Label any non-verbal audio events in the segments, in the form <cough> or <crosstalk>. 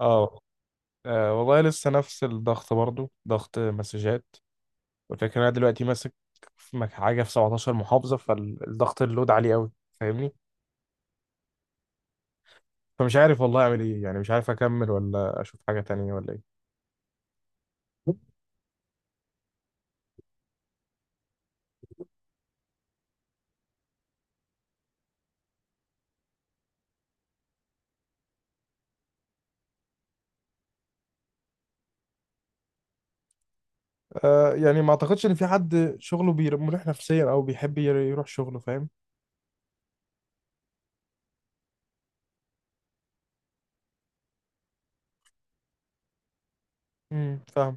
اه والله لسه نفس الضغط برضو ضغط مسجات. والفكرة إن انا دلوقتي ماسك في حاجة في 17 محافظة، فالضغط اللود عالي قوي، فاهمني. فمش عارف والله اعمل ايه، يعني مش عارف اكمل ولا اشوف حاجة تانية ولا ايه. يعني ما اعتقدش ان في حد شغله مريح نفسيا او بيحب يروح شغله، فاهم. فاهم.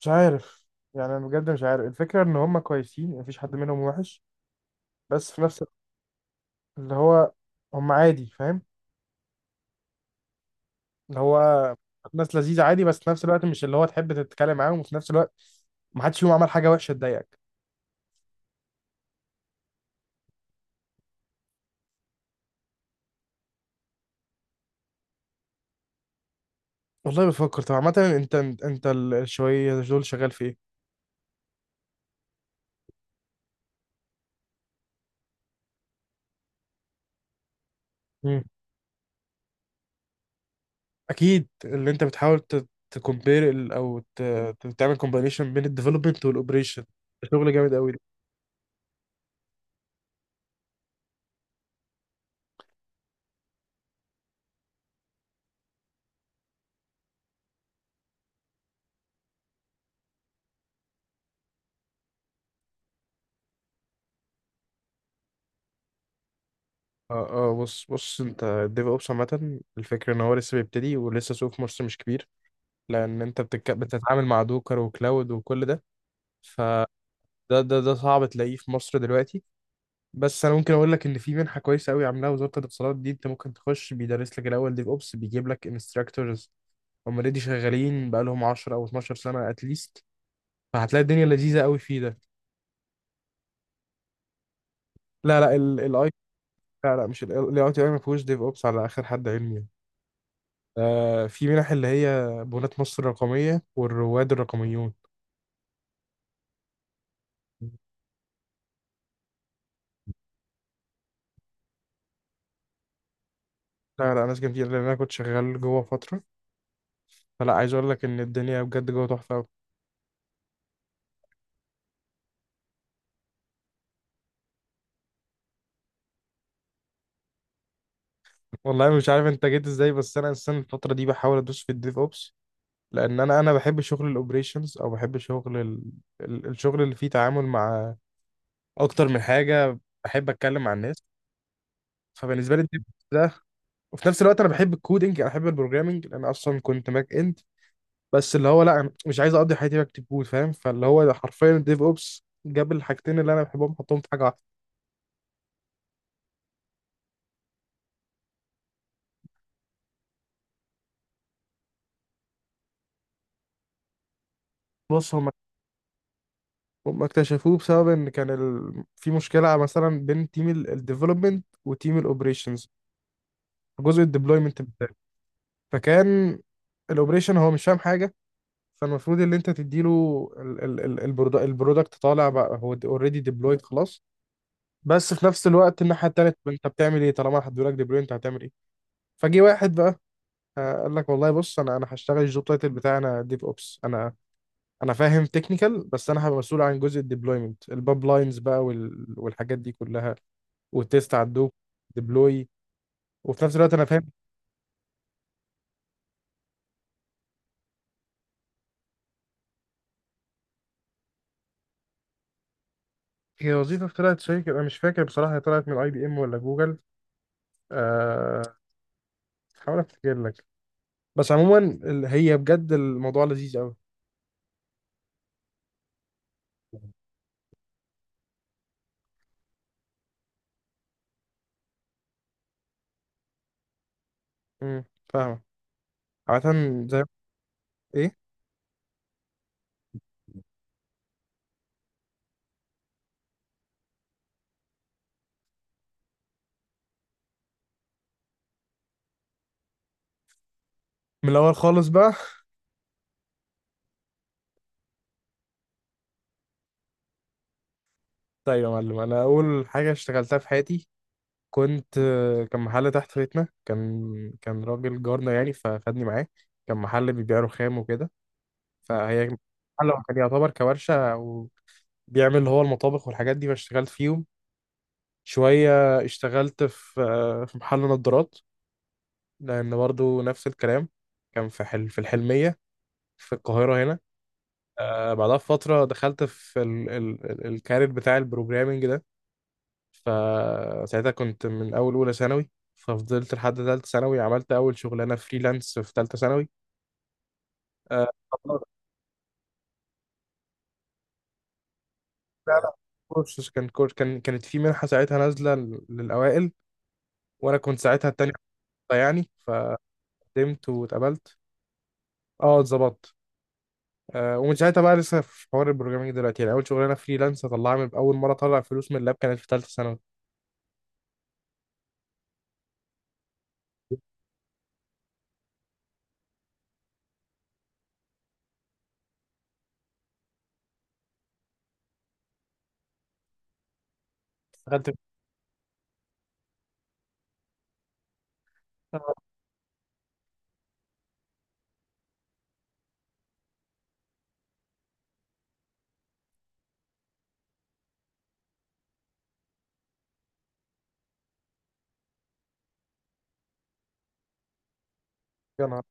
مش عارف، يعني انا بجد مش عارف. الفكرة ان هم كويسين، مفيش حد منهم وحش، بس في نفس الوقت اللي هو هم عادي، فاهم. اللي هو ناس لذيذة عادي، بس في نفس الوقت مش اللي هو تحب تتكلم معاهم، وفي نفس الوقت ما حدش فيهم عمل حاجة وحشة تضايقك. والله بفكر. طب عامة انت، انت الشوية دول شغال في ايه؟ مم. اكيد اللي انت بتحاول تكومبير او تعمل كومبينيشن بين الديفلوبمنت والاوبريشن. شغل جامد قوي ده. اه اه، بص بص، انت الديف اوبس عامة الفكرة ان هو لسه بيبتدي ولسه سوق في مصر مش كبير، لان انت بتتعامل مع دوكر وكلاود وكل ده. فده ده ده صعب تلاقيه في مصر دلوقتي. بس انا ممكن اقول لك ان في منحه كويسه قوي عاملاها وزاره الاتصالات دي، انت ممكن تخش بيدرس لك الاول ديف اوبس، بيجيب لك انستراكتورز هم اوريدي شغالين بقى لهم 10 او 12 سنه اتليست، فهتلاقي الدنيا لذيذه قوي فيه ده. لا لا الاي لا لا مش الاي تي اي ما فيهوش ديف اوبس على اخر حد علمي. آه، في منح اللي هي بنات مصر الرقميه والرواد الرقميون. لا لا، ناس جميله، لان انا كنت شغال جوه فتره، فلا عايز اقول لك ان الدنيا بجد جوه تحفه قوي. والله مش عارف انت جيت ازاي، بس انا السنه الفتره دي بحاول ادوس في الديف اوبس، لان انا بحب شغل الاوبريشنز، او بحب شغل الشغل اللي فيه تعامل مع اكتر من حاجه، بحب اتكلم مع الناس. فبالنسبه لي الديف ده. وفي نفس الوقت انا بحب الكودينج، انا بحب البروجرامينج، لان اصلا كنت باك اند، بس اللي هو لا أنا مش عايز اقضي حياتي بكتب كود، فاهم. فاللي هو ده حرفيا الديف اوبس جاب الحاجتين اللي انا بحبهم حطهم في حاجه واحده. بص، هم اكتشفوه بسبب ان كان في مشكله مثلا بين تيم الديفلوبمنت وتيم الاوبريشنز، جزء الديبلويمنت. فكان الاوبريشن هو مش فاهم حاجه، فالمفروض اللي انت تديله البرودكت طالع بقى، هو اوريدي ديبلويد خلاص. بس في نفس الوقت الناحيه التانيه، طب انت بتعمل ايه طالما هدوا لك ديبلوي، انت هتعمل ايه. فجي واحد بقى، قال لك والله بص، انا هشتغل الجوب تايتل بتاعي انا ديف اوبس. انا فاهم تكنيكال، بس انا هبقى مسؤول عن جزء الديبلويمنت الباب لاينز بقى والحاجات دي كلها، والتيست على الدوب ديبلوي. وفي نفس الوقت انا فاهم. هي وظيفه طلعت شركه، انا مش فاكر بصراحه هي طلعت من اي بي ام ولا جوجل. أه، هحاول افتكر لك. بس عموما هي بجد الموضوع لذيذ قوي. امم، فاهمة عادة، زي ايه. من الاول خالص بقى. <laughs> طيب يا معلم، انا اول حاجة اشتغلتها في حياتي كنت آه، كان محل تحت بيتنا. كان راجل جارنا يعني فخدني معاه، كان محل بيبيع رخام وكده. فهي محل هو كان يعتبر كورشة وبيعمل اللي هو المطابخ والحاجات دي، فاشتغلت فيهم شوية. اشتغلت في في محل نظارات، لأن برضو نفس الكلام، كان في حل في الحلمية في القاهرة هنا. آه بعدها بفترة دخلت في ال ال ال الكارير بتاع البروجرامينج ده. فساعتها كنت من أول أولى ثانوي، ففضلت لحد تالتة ثانوي، عملت أول شغلانة فريلانس في تالتة ثانوي. آه لا، لا، كورس كان كورس كان كانت في منحة ساعتها نازلة للأوائل، وأنا كنت ساعتها التاني يعني. فقدمت واتقبلت. اه، اتظبطت. ومن ساعتها بقى لسه في حوار البروجرامينج دلوقتي، يعني اول شغلانه فريلانس طلعها من اول مره طلع فلوس من اللاب كانت في ثالثه ثانوي. دخلت في تالتة ثانوي، يا نهار.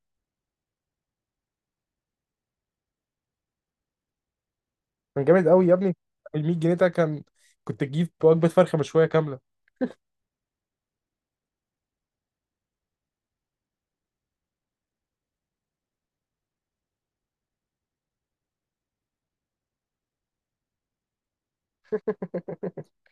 كان جامد قوي يا ابني. ال 100 جنيه ده كنت تجيب وجبه فرخه مشويه كامله. <laughs>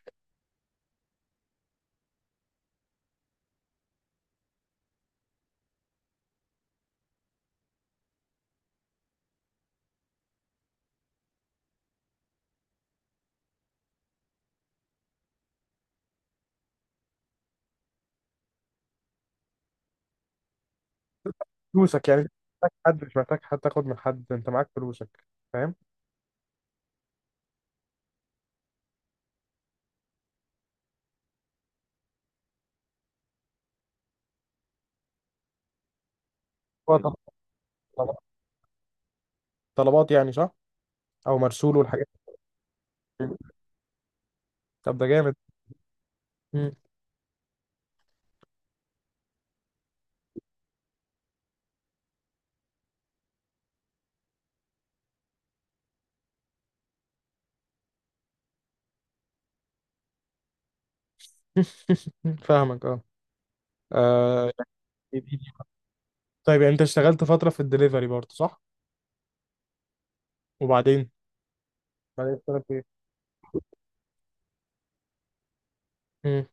فلوسك، يعني مش محتاج حد، مش محتاج حد تاخد من حد، انت معاك فلوسك، فاهم. هو طلبات، طلبات يعني صح، او مرسول والحاجات دي. طب ده جامد. مم. <laughs> فاهمك، اه. آه، يعني طيب، يعني انت اشتغلت فتره في الدليفري برضه صح. وبعدين اشتغلت ايه.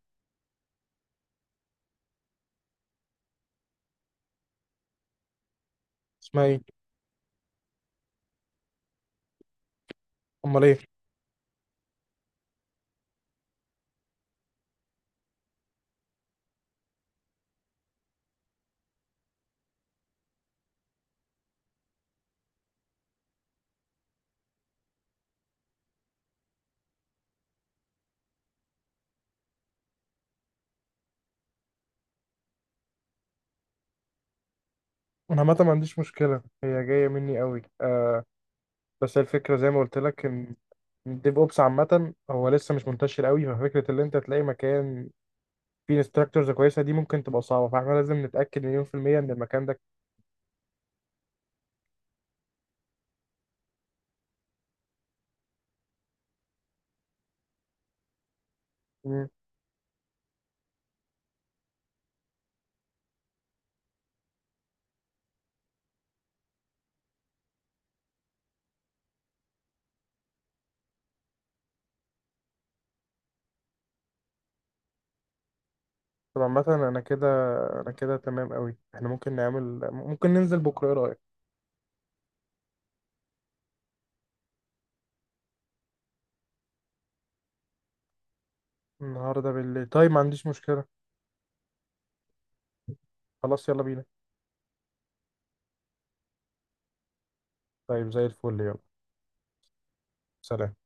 اسمها ايه. امال ايه. انا عامه ما عنديش مشكله، هي جايه مني قوي آه. بس هي الفكره زي ما قلت لك ان الديف اوبس عامه هو لسه مش منتشر قوي، ففكره ان انت تلاقي مكان فيه انستراكتورز كويسه دي ممكن تبقى صعبه، فاحنا لازم نتاكد مليون في الميه ان المكان ده. مم. طب عامه انا كده، انا كده تمام قوي. احنا ممكن نعمل، ممكن ننزل بكره؟ ايه رايك. النهارده بالليل؟ طيب ما عنديش مشكله. خلاص يلا بينا. طيب زي الفل، يلا. سلام.